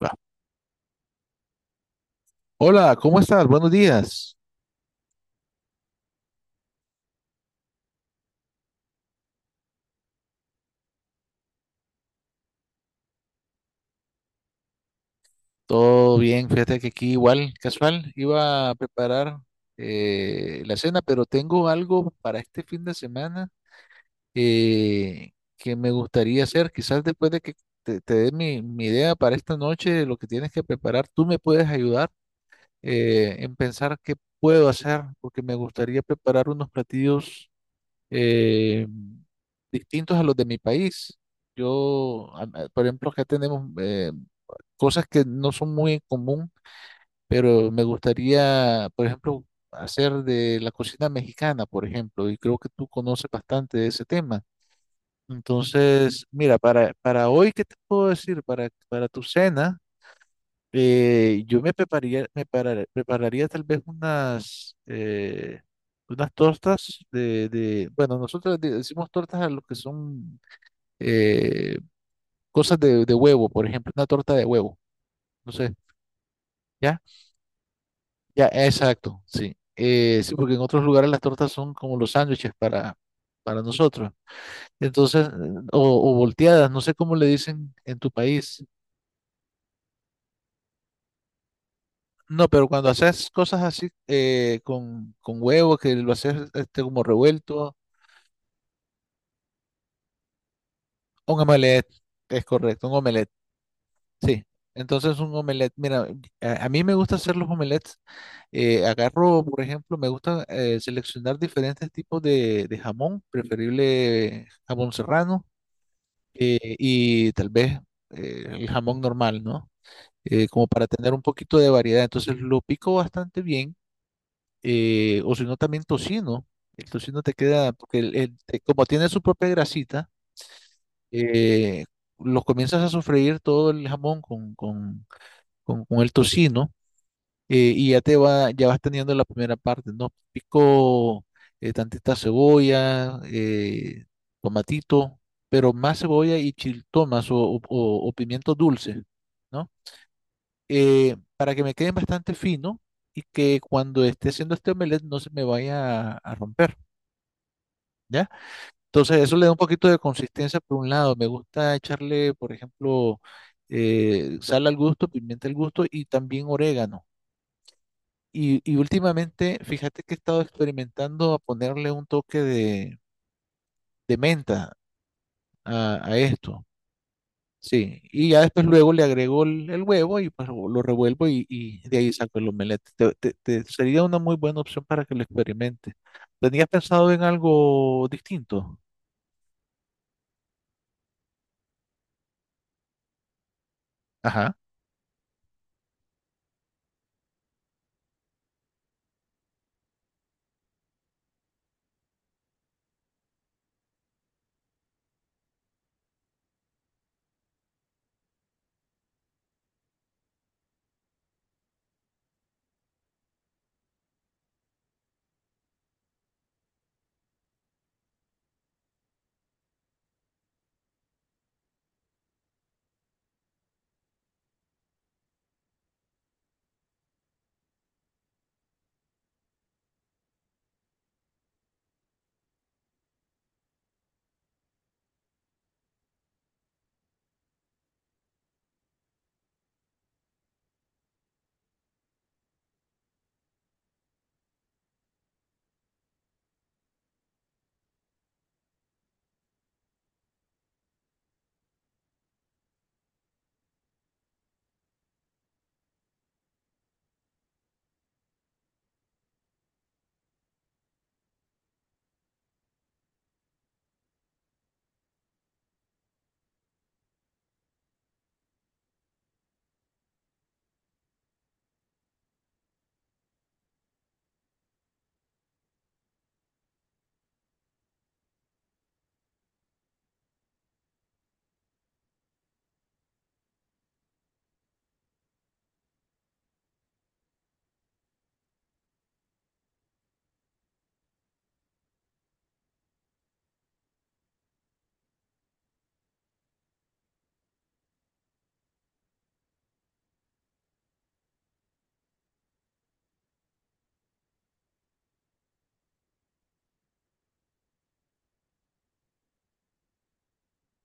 Va. Hola, ¿cómo estás? Buenos días. Todo bien, fíjate que aquí igual, casual, iba a preparar la cena, pero tengo algo para este fin de semana que me gustaría hacer. Quizás después de que te dé mi idea para esta noche, lo que tienes que preparar, tú me puedes ayudar en pensar qué puedo hacer, porque me gustaría preparar unos platillos eh, distintos a los de mi país. Yo, por ejemplo, acá tenemos cosas que no son muy en común, pero me gustaría, por ejemplo, hacer de la cocina mexicana, por ejemplo, y creo que tú conoces bastante de ese tema. Entonces, mira, para hoy, ¿qué te puedo decir? Para tu cena, yo me prepararía, prepararía tal vez unas, unas tortas de, bueno, nosotros decimos tortas a lo que son eh, cosas de huevo, por ejemplo, una torta de huevo, no sé, ¿ya? Ya, exacto, sí. Sí, porque en otros lugares las tortas son como los sándwiches para nosotros. Entonces, o volteadas, no sé cómo le dicen en tu país. No, pero cuando haces cosas así con huevo, que lo haces este, como revuelto, un omelette, es correcto, un omelette, sí. Entonces, un omelette, mira, a mí me gusta hacer los omelettes. Eh, agarro, por ejemplo, me gusta seleccionar diferentes tipos de jamón, preferible jamón serrano y tal vez el jamón normal, ¿no? Como para tener un poquito de variedad. Entonces lo pico bastante bien, o si no también tocino. El tocino te queda, porque como tiene su propia grasita, eh, lo comienzas a sofreír todo el jamón con el tocino y ya te va, ya vas teniendo la primera parte, ¿no? Pico tantita cebolla, tomatito, pero más cebolla y chiltomas o pimientos dulces, ¿no? Para que me queden bastante fino y que cuando esté haciendo este omelette no se me vaya a romper, ¿ya? Entonces eso le da un poquito de consistencia por un lado. Me gusta echarle, por ejemplo, sal al gusto, pimienta al gusto y también orégano. Y últimamente, fíjate que he estado experimentando a ponerle un toque de menta a esto. Sí, y ya después luego le agrego el huevo y pues lo revuelvo y de ahí saco el omelette. Sería una muy buena opción para que lo experimentes. ¿Tenías pensado en algo distinto? Ajá.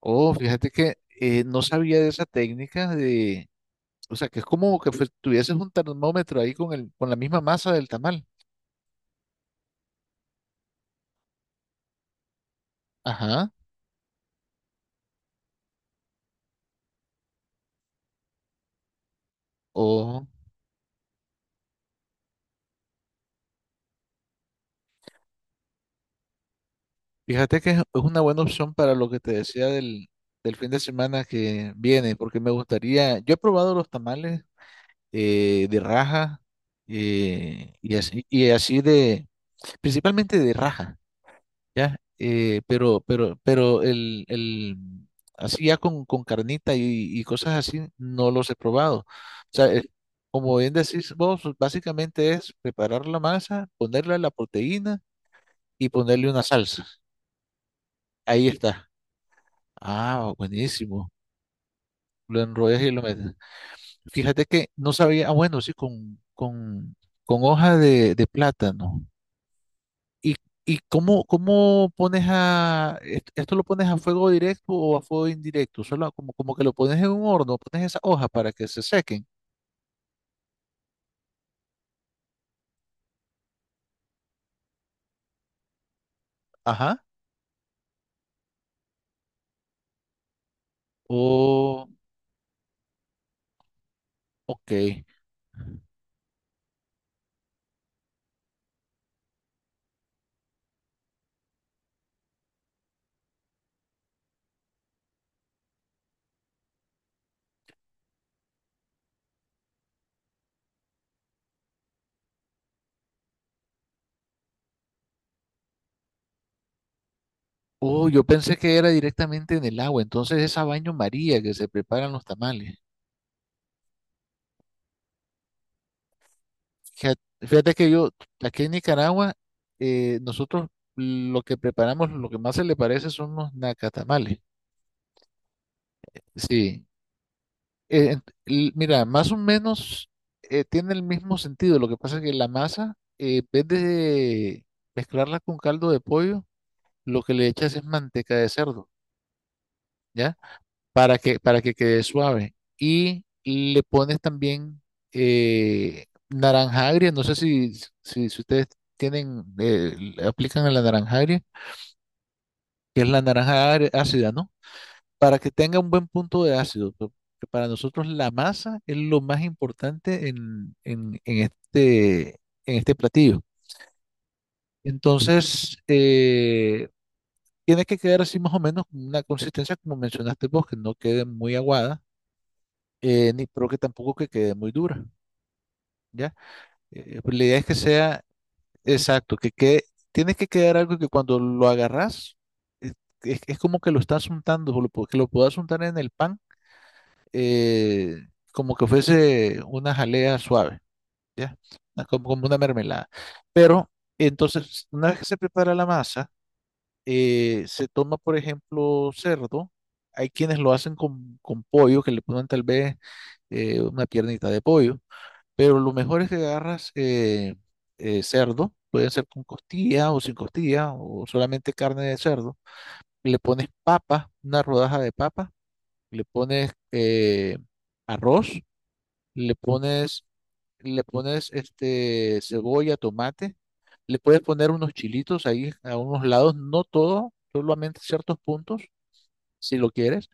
Oh, fíjate que no sabía de esa técnica de, o sea, que es como que tuvieses un termómetro ahí con el, con la misma masa del tamal. Ajá. Fíjate que es una buena opción para lo que te decía del, del fin de semana que viene, porque me gustaría, yo he probado los tamales de raja y así de, principalmente de raja, ¿ya? Pero el, así ya con carnita y cosas así, no los he probado. O sea, como bien decís vos, básicamente es preparar la masa, ponerle la proteína y ponerle una salsa. Ahí está. Ah, buenísimo. Lo enrollas y lo metes. Fíjate que no sabía, ah, bueno, sí, con hoja de plátano. ¿Y, y cómo, cómo pones a, esto lo pones a fuego directo o a fuego indirecto? Solo como, como que lo pones en un horno, pones esa hoja para que se sequen. Ajá. Oh, ok. Oh, yo pensé que era directamente en el agua, entonces esa baño María que se preparan los tamales. Ja- Fíjate que yo, aquí en Nicaragua, nosotros lo que preparamos, lo que más se le parece son los nacatamales. Sí. Mira, más o menos tiene el mismo sentido. Lo que pasa es que la masa, en vez de mezclarla con caldo de pollo, lo que le echas es manteca de cerdo, ¿ya? Para que, para que quede suave. Y le pones también naranja agria, no sé si, si ustedes tienen, le aplican a la naranja agria, que es la naranja agria ácida, ¿no? Para que tenga un buen punto de ácido, porque para nosotros la masa es lo más importante en, en este platillo. Entonces, tiene que quedar así más o menos una consistencia como mencionaste vos, que no quede muy aguada ni, pero que tampoco que quede muy dura, ¿ya? Pues la idea es que sea exacto, que quede, tiene que quedar algo que cuando lo agarras, es, es como que lo estás untando, o lo que lo puedas untar en el pan, eh, como que fuese una jalea suave, ¿ya? Ah, como, como una mermelada. Pero entonces, una vez que se prepara la masa, se toma, por ejemplo, cerdo. Hay quienes lo hacen con pollo, que le ponen tal vez una piernita de pollo. Pero lo mejor es que agarras cerdo, puede ser con costilla o sin costilla, o solamente carne de cerdo. Le pones papa, una rodaja de papa, le pones arroz, le pones, le pones este, cebolla, tomate, le puedes poner unos chilitos ahí a unos lados, no todo, solamente ciertos puntos, si lo quieres.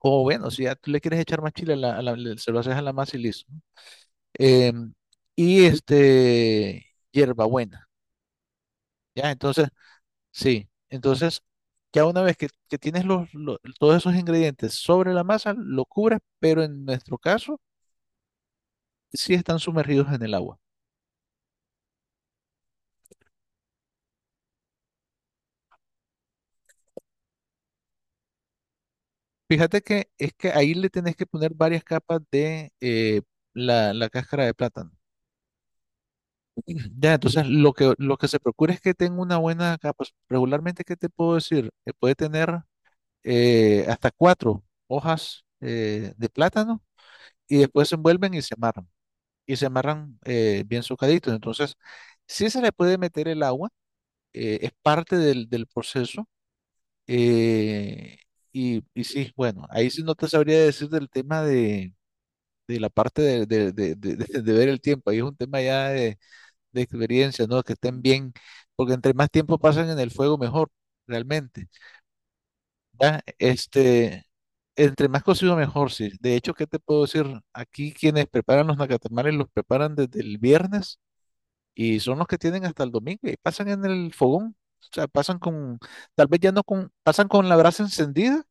O bueno, si ya tú le quieres echar más chile, se lo haces a la masa y listo. em, y este, hierbabuena, ¿ya? Entonces, sí, entonces, ya una vez que tienes los, todos esos ingredientes sobre la masa, lo cubres, pero en nuestro caso, sí están sumergidos en el agua. Fíjate que es que ahí le tenés que poner varias capas de la, la cáscara de plátano. Ya, entonces lo que se procura es que tenga una buena capa. Regularmente, ¿qué te puedo decir? Puede tener hasta 4 hojas de plátano y después se envuelven y se amarran bien socaditos. Entonces, sí se le puede meter el agua, es parte del, del proceso. eh, y, y sí, bueno, ahí sí no te sabría decir del tema de la parte de, de ver el tiempo, ahí es un tema ya de experiencia, ¿no? Que estén bien, porque entre más tiempo pasan en el fuego, mejor, realmente. Ya, este, entre más cocido mejor, sí. De hecho, ¿qué te puedo decir? Aquí quienes preparan los nacatamares los preparan desde el viernes y son los que tienen hasta el domingo y pasan en el fogón. O sea, pasan con, tal vez ya no con, pasan con la brasa encendida,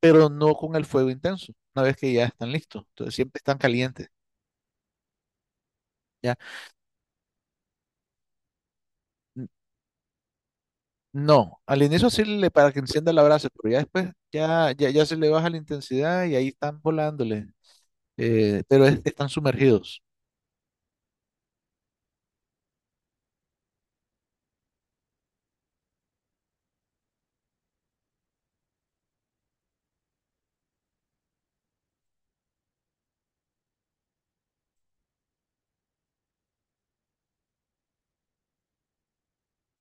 pero no con el fuego intenso, una vez que ya están listos. Entonces siempre están calientes, ¿ya? N- No, al inicio sí le para que encienda la brasa, pero ya después ya se le baja la intensidad y ahí están volándole, pero están sumergidos.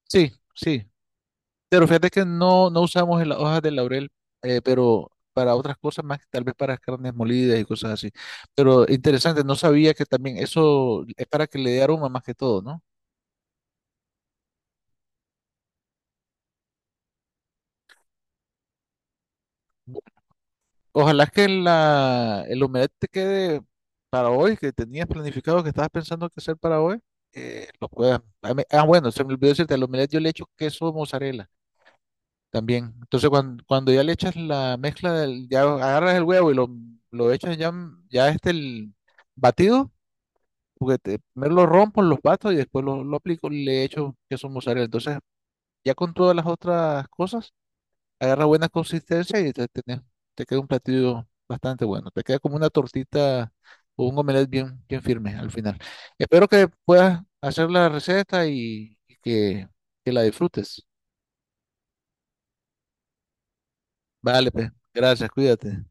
Sí, sí. Pero fíjate que no, no usamos en las hojas de laurel, pero para otras cosas más, tal vez para carnes molidas y cosas así. Pero interesante, no sabía que también eso es para que le dé aroma más que todo, ¿no? Ojalá que la, el omelette te quede para hoy, que tenías planificado, que estabas pensando que hacer para hoy, lo puedas. Ah, ah, bueno, se me olvidó decirte, al omelette yo le echo queso mozzarella también. Entonces, cuando, cuando ya le echas la mezcla, del, ya agarras el huevo y lo echas ya, ya este el batido juguete. Primero lo rompo, los bato y después lo aplico y le echo queso mozzarella. Entonces, ya con todas las otras cosas, agarra buena consistencia y te, te queda un platillo bastante bueno. Te queda como una tortita o un omelette bien, bien firme al final. Espero que puedas hacer la receta y que la disfrutes. Vale, pues, gracias, cuídate.